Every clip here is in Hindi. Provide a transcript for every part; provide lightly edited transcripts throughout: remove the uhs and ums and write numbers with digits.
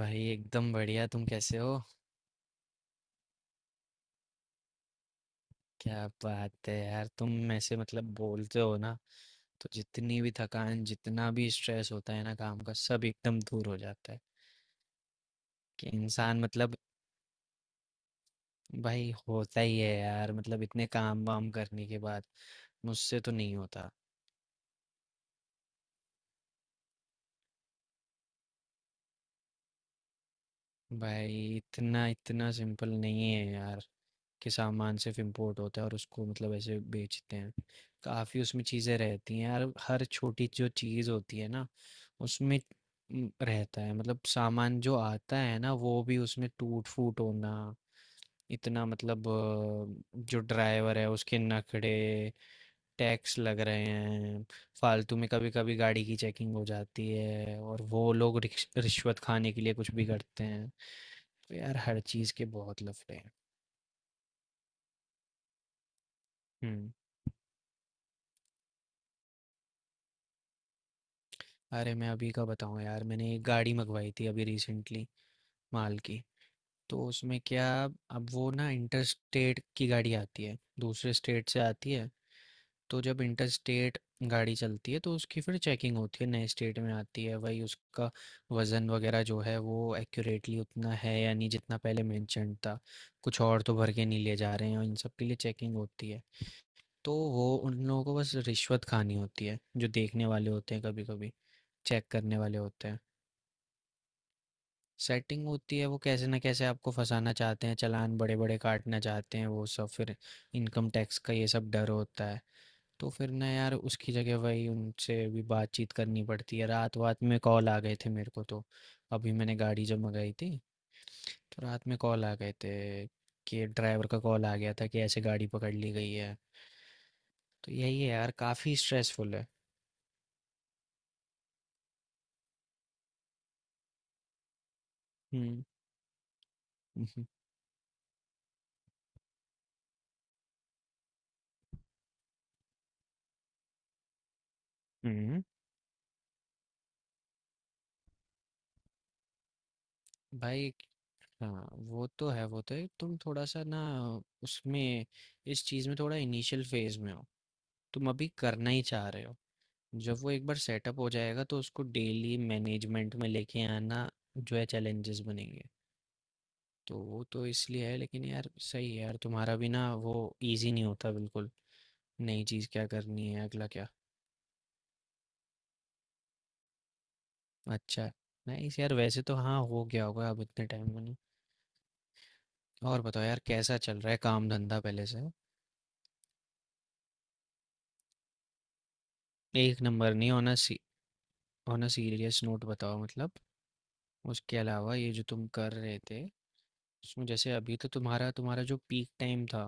भाई एकदम बढ़िया। तुम कैसे हो? क्या बात है यार, तुम में से मतलब बोलते हो ना। तो जितनी भी थकान, जितना भी स्ट्रेस होता है ना काम का, सब एकदम दूर हो जाता है। कि इंसान, मतलब। भाई होता ही है यार, मतलब इतने काम वाम करने के बाद। मुझसे तो नहीं होता। भाई इतना इतना सिंपल नहीं है यार, कि सामान सिर्फ इम्पोर्ट होता है और उसको मतलब ऐसे बेचते हैं। काफ़ी उसमें चीज़ें रहती हैं यार, हर छोटी जो चीज़ होती है ना उसमें। रहता है मतलब सामान जो आता है ना वो भी उसमें टूट फूट होना। इतना मतलब। जो ड्राइवर है उसके नखरे। टैक्स लग रहे हैं। फालतू में कभी कभी गाड़ी की चेकिंग हो जाती है और वो लोग रिश्वत खाने के लिए कुछ भी करते हैं। तो यार हर चीज़ के बहुत लफड़े हैं। हम्म। अरे मैं अभी का बताऊँ यार, मैंने एक गाड़ी मंगवाई थी अभी रिसेंटली, माल की। तो उसमें क्या, अब वो ना इंटर स्टेट की गाड़ी आती है, दूसरे स्टेट से आती है। तो जब इंटर स्टेट गाड़ी चलती है तो उसकी फिर चेकिंग होती है, नए स्टेट में आती है। वही उसका वज़न वगैरह जो है वो एक्यूरेटली उतना है या नहीं, जितना पहले मेंशन था, कुछ और तो भर के नहीं ले जा रहे हैं, और इन सब के लिए चेकिंग होती है। तो वो उन लोगों को बस रिश्वत खानी होती है जो देखने वाले होते हैं, कभी कभी चेक करने वाले होते हैं। सेटिंग होती है, वो कैसे ना कैसे आपको फंसाना चाहते हैं, चालान बड़े बड़े काटना चाहते हैं, वो सब फिर इनकम टैक्स का ये सब डर होता है। तो फिर ना यार उसकी जगह वही उनसे भी बातचीत करनी पड़ती है। रात वात में कॉल आ गए थे मेरे को। तो अभी मैंने गाड़ी जब मंगाई थी, तो रात में कॉल आ गए थे, कि ड्राइवर का कॉल आ गया था कि ऐसे गाड़ी पकड़ ली गई है। तो यही है यार, काफ़ी स्ट्रेसफुल है। हम्म। हम्म। भाई। हाँ वो तो है, वो तो है, तुम थोड़ा सा ना उसमें, इस चीज़ में थोड़ा इनिशियल फेज में हो, तुम अभी करना ही चाह रहे हो। जब वो एक बार सेटअप हो जाएगा तो उसको डेली मैनेजमेंट में लेके आना, जो है, चैलेंजेस बनेंगे। तो वो तो इसलिए है। लेकिन यार सही है यार, तुम्हारा भी ना वो इजी नहीं होता बिल्कुल, नई चीज़ क्या करनी है, अगला क्या। अच्छा है। नाइस यार, वैसे तो हाँ हो गया होगा अब इतने टाइम में ना। और बताओ यार कैसा चल रहा है काम धंधा पहले से। एक नंबर नहीं होना, ऑन अ सीरियस नोट बताओ मतलब। उसके अलावा ये जो तुम कर रहे थे, उसमें जैसे अभी तो तुम्हारा तुम्हारा जो पीक टाइम था,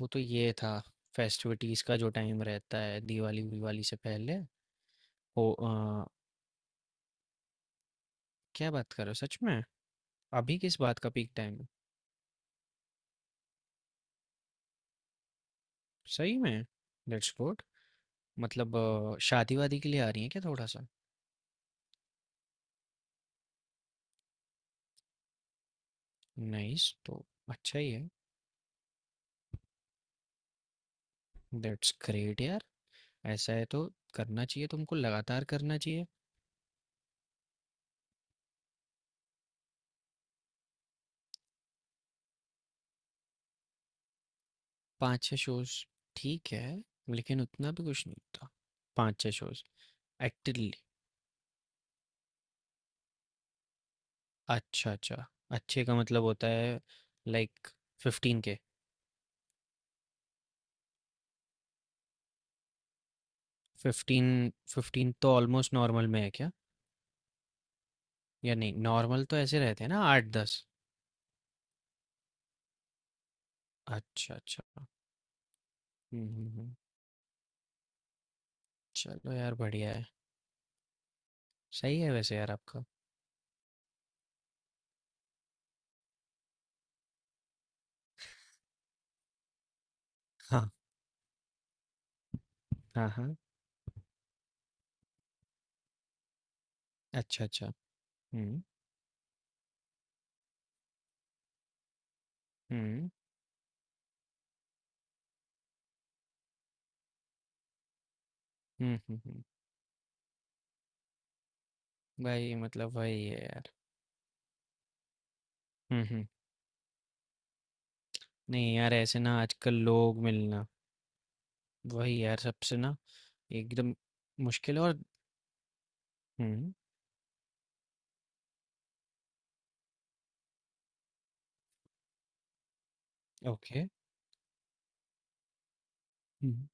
वो तो ये था, फेस्टिविटीज का जो टाइम रहता है, दिवाली विवाली से पहले। हो। क्या बात कर रहे हो सच में, अभी किस बात का पीक टाइम है? सही में? Let's good. मतलब, शादी वादी के लिए आ रही है क्या थोड़ा सा? नाइस तो, अच्छा ही है। दैट्स ग्रेट यार। ऐसा है तो करना चाहिए, तुमको लगातार करना चाहिए। 5-6 शोज़, ठीक है, लेकिन उतना भी कुछ नहीं था। 5-6 शोज़ एक्टिवली? अच्छा, अच्छा। अच्छे का मतलब होता है लाइक 15 के। 15, 15 तो ऑलमोस्ट नॉर्मल में है क्या? या नहीं, नॉर्मल तो ऐसे रहते हैं ना 8-10? अच्छा, अच्छा। हुँ, हुँ, हुँ। चलो यार बढ़िया है। सही है वैसे यार आपका। हाँ, हाँ, हाँ। अच्छा, अच्छा। हुँ, हुँ। हुँ, हुँ, हुँ। भाई मतलब वही है यार। हुँ, हुँ। नहीं यार ऐसे ना आजकल लोग मिलना, वही यार सबसे ना, एकदम मुश्किल है। और hmm. Okay. Hmm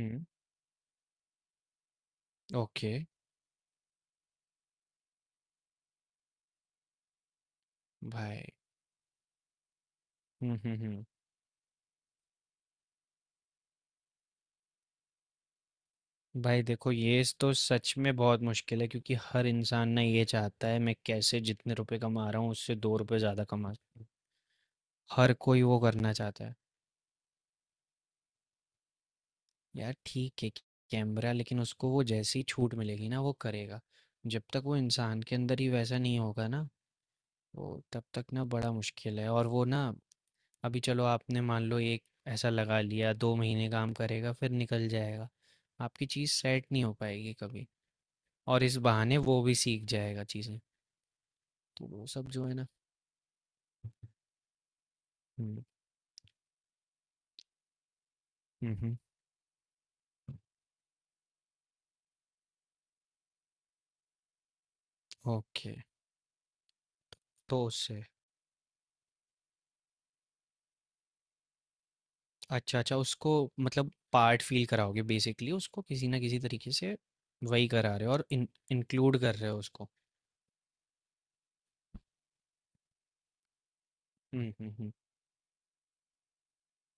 hmm. Okay. भाई। हम्म। भाई देखो ये तो सच में बहुत मुश्किल है, क्योंकि हर इंसान ना ये चाहता है मैं कैसे जितने रुपए कमा रहा हूँ उससे 2 रुपए ज्यादा कमा सकूं। हर कोई वो करना चाहता है। यार ठीक है, कैमरा लेकिन उसको वो जैसी छूट मिलेगी ना वो करेगा। जब तक वो इंसान के अंदर ही वैसा नहीं होगा ना, वो तब तक ना बड़ा मुश्किल है। और वो ना अभी चलो आपने मान लो एक ऐसा लगा लिया, 2 महीने काम करेगा फिर निकल जाएगा। आपकी चीज़ सेट नहीं हो पाएगी कभी, और इस बहाने वो भी सीख जाएगा चीज़ें, तो वो सब जो है ना। हम्म हम्म। ओके। तो उससे, अच्छा अच्छा, उसको मतलब पार्ट फील कराओगे बेसिकली, उसको किसी ना किसी तरीके से वही करा रहे हो, और इंक्लूड कर रहे हो उसको। हम्म।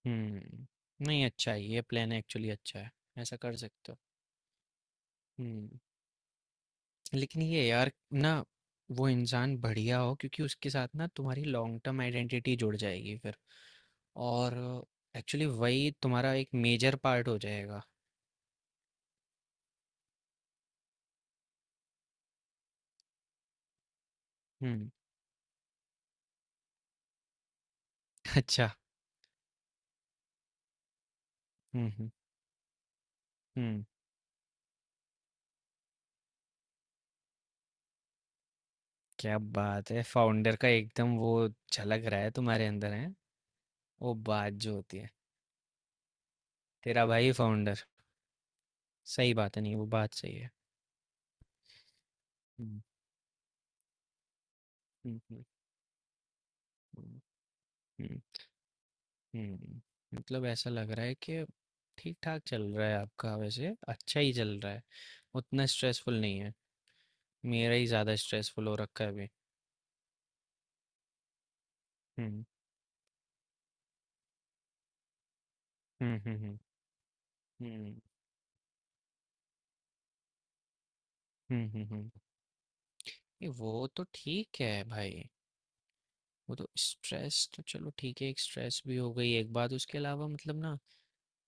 हम्म। नहीं अच्छा है, ये प्लान एक्चुअली अच्छा है। ऐसा कर सकते हो। हम्म। लेकिन ये यार ना, वो इंसान बढ़िया हो, क्योंकि उसके साथ ना तुम्हारी लॉन्ग टर्म आइडेंटिटी जुड़ जाएगी फिर, और एक्चुअली वही तुम्हारा एक मेजर पार्ट हो जाएगा। हम्म। अच्छा। हम्म हम्म हम्म। क्या बात है, फाउंडर का एकदम वो झलक रहा है, तुम्हारे अंदर है वो बात जो होती है। तेरा भाई फाउंडर। सही बात है, नहीं वो बात सही है। हम्म हम्म हम्म हम्म, हम्म। हम्म। मतलब ऐसा लग रहा है कि ठीक ठाक चल रहा है आपका, वैसे अच्छा ही चल रहा है, उतना स्ट्रेसफुल नहीं है। मेरा ही ज़्यादा स्ट्रेसफुल हो रखा है अभी। हम्म हम्म हम्म हम्म हम्म हम्म हम्म, हम्म। ये वो तो ठीक है भाई। वो तो स्ट्रेस तो चलो ठीक है, एक स्ट्रेस भी हो गई एक बात। उसके अलावा मतलब ना,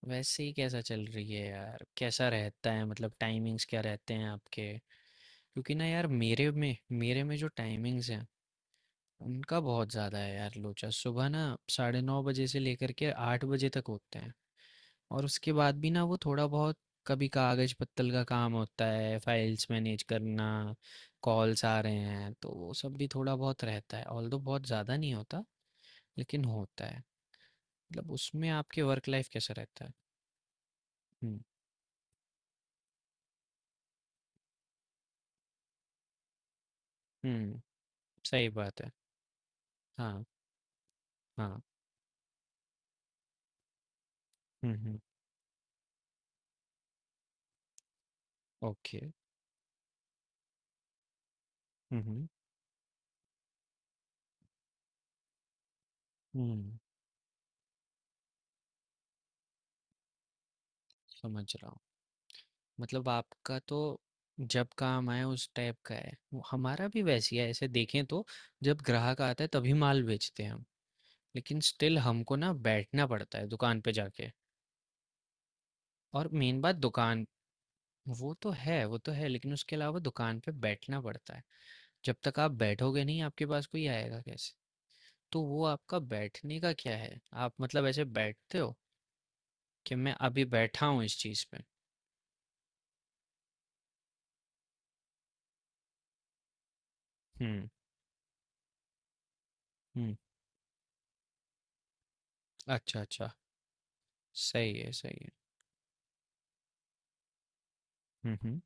वैसे ही कैसा चल रही है यार, कैसा रहता है, मतलब टाइमिंग्स क्या रहते हैं आपके? क्योंकि ना यार मेरे में जो टाइमिंग्स हैं, उनका बहुत ज़्यादा है यार लोचा। सुबह ना 9:30 बजे से लेकर के 8 बजे तक होते हैं। और उसके बाद भी ना वो थोड़ा बहुत, कभी कागज पत्तल का काम होता है, फाइल्स मैनेज करना, कॉल्स आ रहे हैं, तो वो सब भी थोड़ा बहुत रहता है। ऑल्दो बहुत ज़्यादा नहीं होता, लेकिन होता है। मतलब उसमें आपके वर्क लाइफ कैसा रहता है? हम्म हम्म। सही बात है। हाँ। हाँ। हम्म। ओके। हम्म हम्म, समझ रहा हूँ। मतलब आपका तो जब काम आए उस टाइप का है, वो हमारा भी वैसी है ऐसे देखें तो, जब ग्राहक आता है तभी माल बेचते हैं हम। लेकिन स्टिल हमको ना बैठना पड़ता है दुकान पे जाके, और मेन बात दुकान, वो तो है वो तो है, लेकिन उसके अलावा दुकान पे बैठना पड़ता है। जब तक आप बैठोगे नहीं, आपके पास कोई आएगा कैसे? तो वो आपका बैठने का क्या है, आप मतलब ऐसे बैठते हो कि मैं अभी बैठा हूँ इस चीज़ पे? हम्म हम्म। अच्छा अच्छा। सही है सही है। हम्म हम्म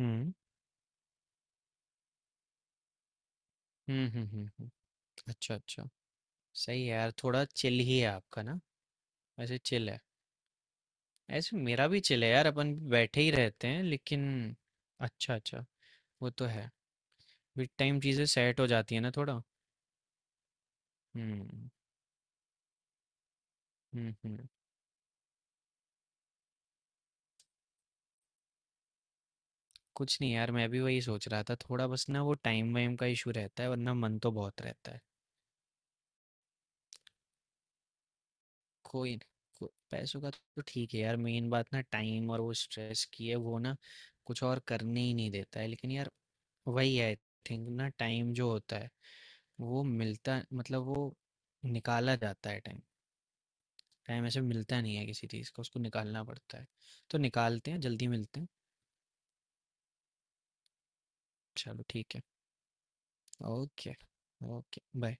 हम्म। हुँ, हुँ, हुँ, हुँ। अच्छा, अच्छा। सही है यार, थोड़ा चिल ही है आपका ना? वैसे चिल है। ऐसे मेरा भी चिल है यार, अपन बैठे ही रहते हैं, लेकिन अच्छा, अच्छा, वो तो है। विद टाइम चीज़ें सेट हो जाती है ना थोड़ा। हुँ, हुँ, हुँ। कुछ नहीं यार, मैं भी वही सोच रहा था, थोड़ा बस ना वो टाइम वाइम का इशू रहता है, वरना मन तो बहुत रहता है। कोई पैसों का तो ठीक है यार, मेन बात ना टाइम और वो स्ट्रेस की है। वो ना कुछ और करने ही नहीं देता है। लेकिन यार वही है, आई थिंक ना टाइम जो होता है, वो मिलता मतलब वो निकाला जाता है। टाइम, टाइम ऐसे मिलता नहीं है किसी चीज़ का, उसको निकालना पड़ता है। तो निकालते हैं, जल्दी मिलते हैं। चलो ठीक है। ओके। Okay bye.